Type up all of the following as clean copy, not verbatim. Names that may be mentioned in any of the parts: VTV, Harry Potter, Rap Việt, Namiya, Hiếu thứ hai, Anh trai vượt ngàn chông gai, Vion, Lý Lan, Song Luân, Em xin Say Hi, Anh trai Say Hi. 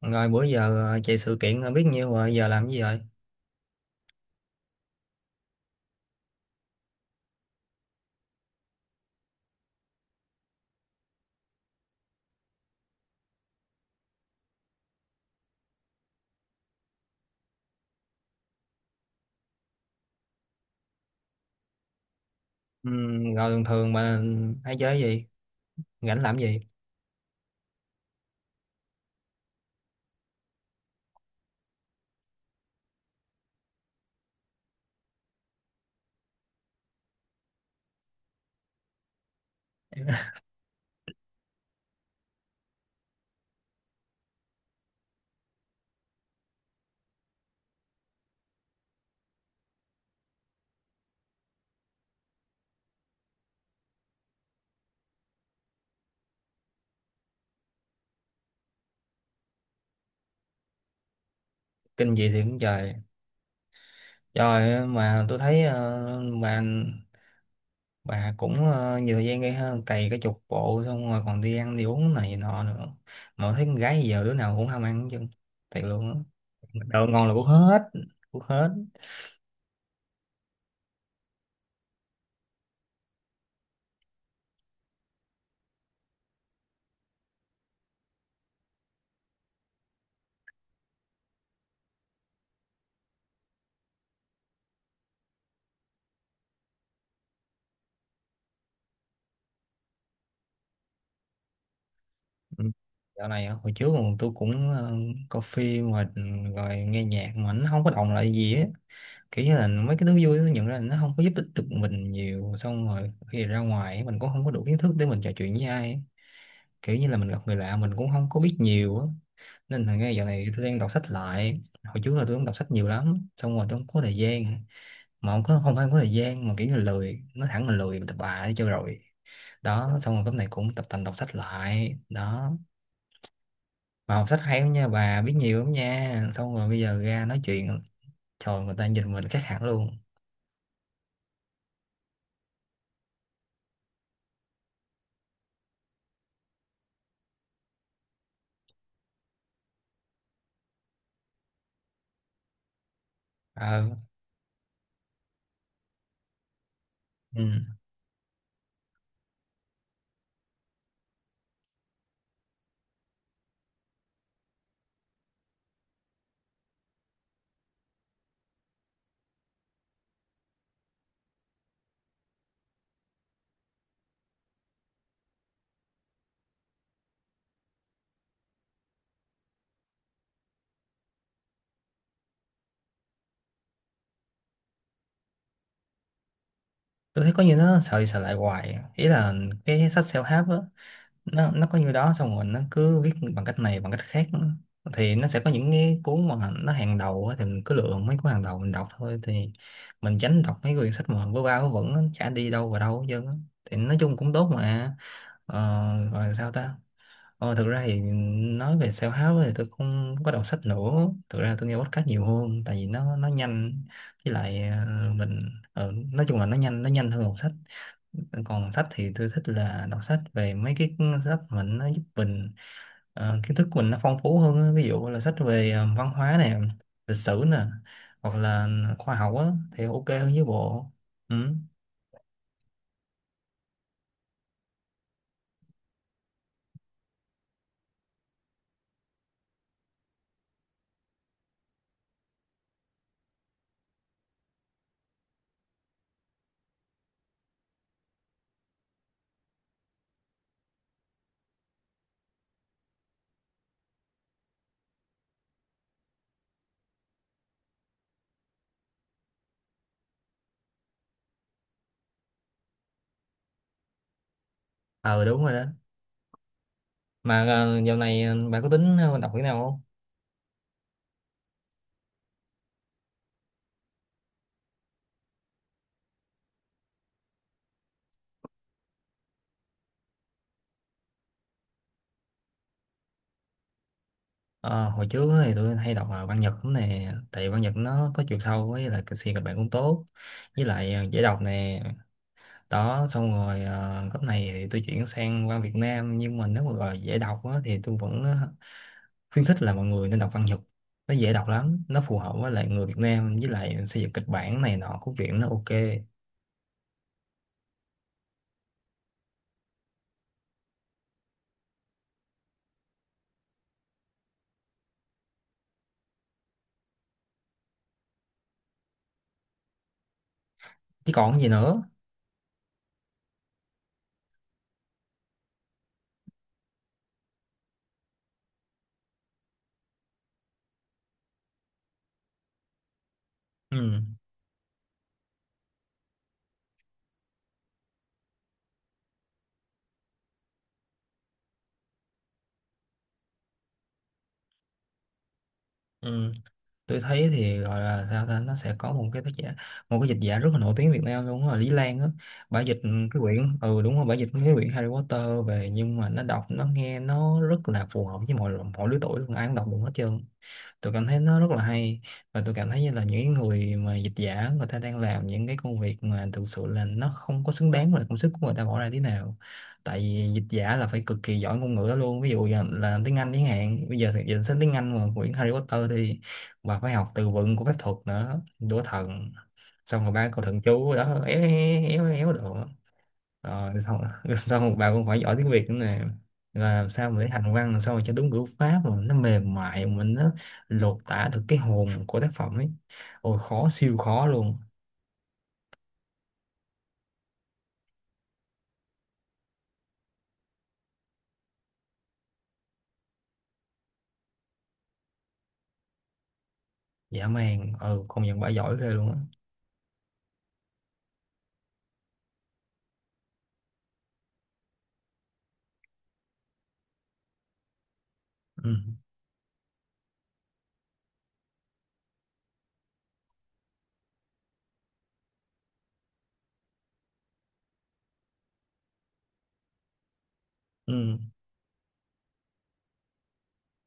Rồi bữa giờ chạy sự kiện biết nhiêu rồi, giờ làm cái gì rồi? Rồi thường thường mà hay chơi gì? Rảnh làm gì? Kinh gì thì cũng trời. Trời mà tôi thấy bà cũng nhiều thời gian gây ha, cày cái chục bộ xong rồi còn đi ăn đi uống này nọ nữa. Mà tôi thấy con gái giờ đứa nào cũng ham ăn chứ. Thiệt luôn á. Đồ ngon là cũng hết. Ừ. Dạo này á, hồi trước còn tôi cũng coi phim rồi, ừ, rồi nghe nhạc mà nó không có động lại gì á, kiểu như là mấy cái thứ vui nó nhận ra là nó không có giúp ích được mình nhiều, xong rồi khi ra ngoài mình cũng không có đủ kiến thức để mình trò chuyện với ai ấy. Kiểu như là mình gặp người lạ mình cũng không có biết nhiều á, nên là ngay dạo này tôi đang đọc sách lại. Hồi trước là tôi cũng đọc sách nhiều lắm, xong rồi tôi không có thời gian, mà không phải không có thời gian mà kiểu như là lười, nó thẳng là lười, mình tập bà đi cho rồi. Đó xong rồi cái này cũng tập tành đọc sách lại đó. Mà học sách hay lắm nha, bà biết nhiều lắm nha, xong rồi bây giờ ra nói chuyện trời người ta nhìn mình khác hẳn luôn. Ờ. Ừ. Tôi thấy có như nó sợ đi sợ lại hoài à. Ý là cái sách self-help á, nó có như đó xong rồi nó cứ viết bằng cách này bằng cách khác nữa. Thì nó sẽ có những cái cuốn mà nó hàng đầu á, thì mình cứ lựa mấy cuốn hàng đầu mình đọc thôi, thì mình tránh đọc mấy quyển sách mà vớ va vớ vẩn á, chả đi đâu vào đâu hết trơn á. Thì nói chung cũng tốt mà ờ, gọi sao ta. Ờ, thực ra thì nói về self-help thì tôi không có đọc sách nữa, thực ra tôi nghe podcast nhiều hơn tại vì nó nhanh, với lại mình nói chung là nó nhanh hơn đọc sách. Còn sách thì tôi thích là đọc sách về mấy cái sách mà nó giúp mình kiến thức của mình nó phong phú hơn á. Ví dụ là sách về văn hóa nè, lịch sử nè, hoặc là khoa học á, thì ok hơn với bộ. Ừ. Ờ đúng rồi đó. Mà dạo này bạn có tính đọc cái nào không? Ờ, hồi trước thì tôi hay đọc văn Nhật lắm nè, tại văn Nhật nó có chiều sâu với là kịch kịch bản cũng tốt, với lại dễ đọc nè. Đó xong rồi cấp này thì tôi chuyển sang văn Việt Nam, nhưng mà nếu mà gọi là dễ đọc á, thì tôi vẫn khuyến khích là mọi người nên đọc văn Nhật. Nó dễ đọc lắm, nó phù hợp với lại người Việt Nam với lại xây dựng kịch bản này nọ của chuyện nó ok chứ còn gì nữa. Ừ. Ừ. Tôi thấy thì gọi là sao ta, nó sẽ có một cái tác giả, một cái dịch giả rất là nổi tiếng Việt Nam luôn là Lý Lan á, bả dịch cái quyển, ừ đúng rồi, bả dịch cái quyển Harry Potter về, nhưng mà nó đọc nó nghe nó rất là phù hợp với mọi mọi lứa tuổi luôn, ai cũng đọc được hết trơn. Tôi cảm thấy nó rất là hay, và tôi cảm thấy như là những cái người mà dịch giả người ta đang làm những cái công việc mà thực sự là nó không có xứng đáng với lại công sức của người ta bỏ ra thế nào. Tại vì dịch giả là phải cực kỳ giỏi ngôn ngữ đó luôn, ví dụ như là tiếng Anh, tiếng Hàn, bây giờ thì dịch sang tiếng Anh mà quyển Harry Potter thì bà phải học từ vựng của phép thuật nữa, đũa thần, xong rồi ba câu thần chú đó éo éo éo éo đồ, rồi xong xong một bà cũng phải giỏi tiếng Việt nữa nè, là làm sao mà để hành văn, làm sao mà cho đúng ngữ pháp mà nó mềm mại mà nó lột tả được cái hồn của tác phẩm ấy. Ôi khó, siêu khó luôn, dã man. Ừ công nhận bà giỏi ghê luôn á. Ừ. Ừ.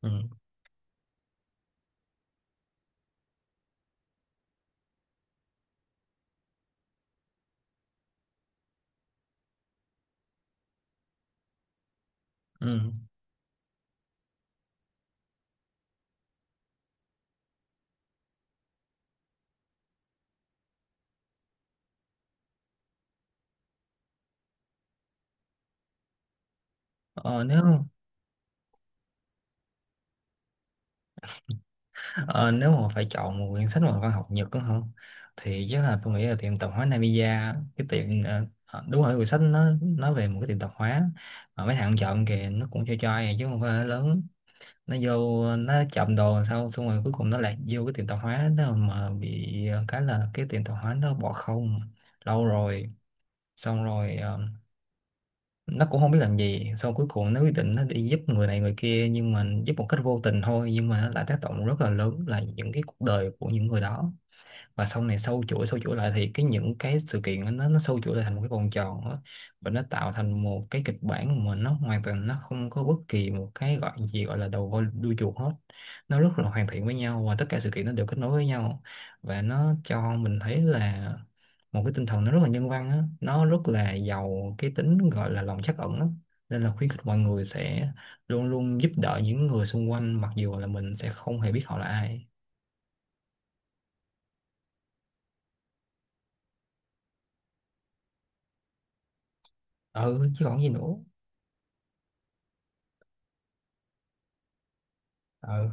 Ừ. Ừ. ờ, nếu ờ, nếu mà phải chọn một quyển sách mà văn học Nhật đó không, thì chắc là tôi nghĩ là tiệm tạp hóa Namiya. Cái tiệm đúng rồi, quyển sách nó nói về một cái tiệm tạp hóa mà mấy thằng chọn kìa, nó cũng cho ai à, chứ không phải là lớn. Nó vô nó trộm đồ làm sao, xong rồi cuối cùng nó lại vô cái tiệm tạp hóa đó mà bị cái là cái tiệm tạp hóa nó bỏ không lâu rồi. Xong rồi nó cũng không biết làm gì, xong cuối cùng nó quyết định nó đi giúp người này người kia, nhưng mà giúp một cách vô tình thôi, nhưng mà nó lại tác động rất là lớn là những cái cuộc đời của những người đó. Và sau này sâu chuỗi lại thì cái những cái sự kiện đó, nó sâu chuỗi lại thành một cái vòng tròn đó. Và nó tạo thành một cái kịch bản mà nó hoàn toàn nó không có bất kỳ một cái gọi gì gọi là đầu voi đuôi chuột hết. Nó rất là hoàn thiện với nhau và tất cả sự kiện nó đều kết nối với nhau, và nó cho mình thấy là một cái tinh thần nó rất là nhân văn á, nó rất là giàu cái tính gọi là lòng trắc ẩn á, nên là khuyến khích mọi người sẽ luôn luôn giúp đỡ những người xung quanh mặc dù là mình sẽ không hề biết họ là ai. Ừ chứ còn gì nữa. Ừ.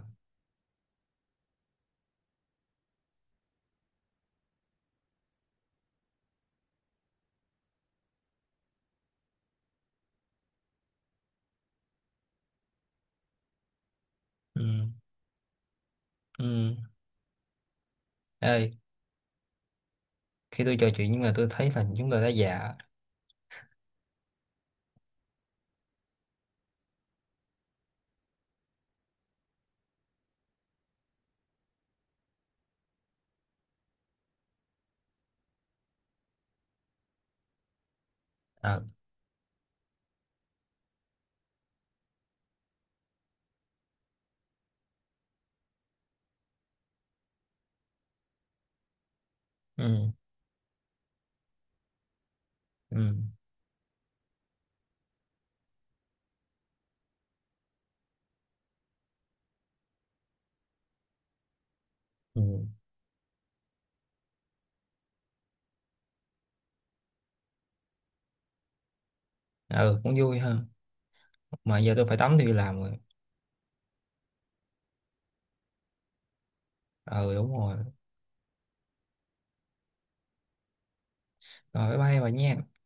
Ừ. Ừ. Ơi, khi tôi trò chuyện nhưng mà tôi thấy là chúng tôi đã già. Ờ. Ừ. Ừ. Ừ. Ừ cũng vui ha. Mà giờ tôi phải tắm, tôi đi làm rồi. Ờ đúng rồi. Rồi bye bye bà nha.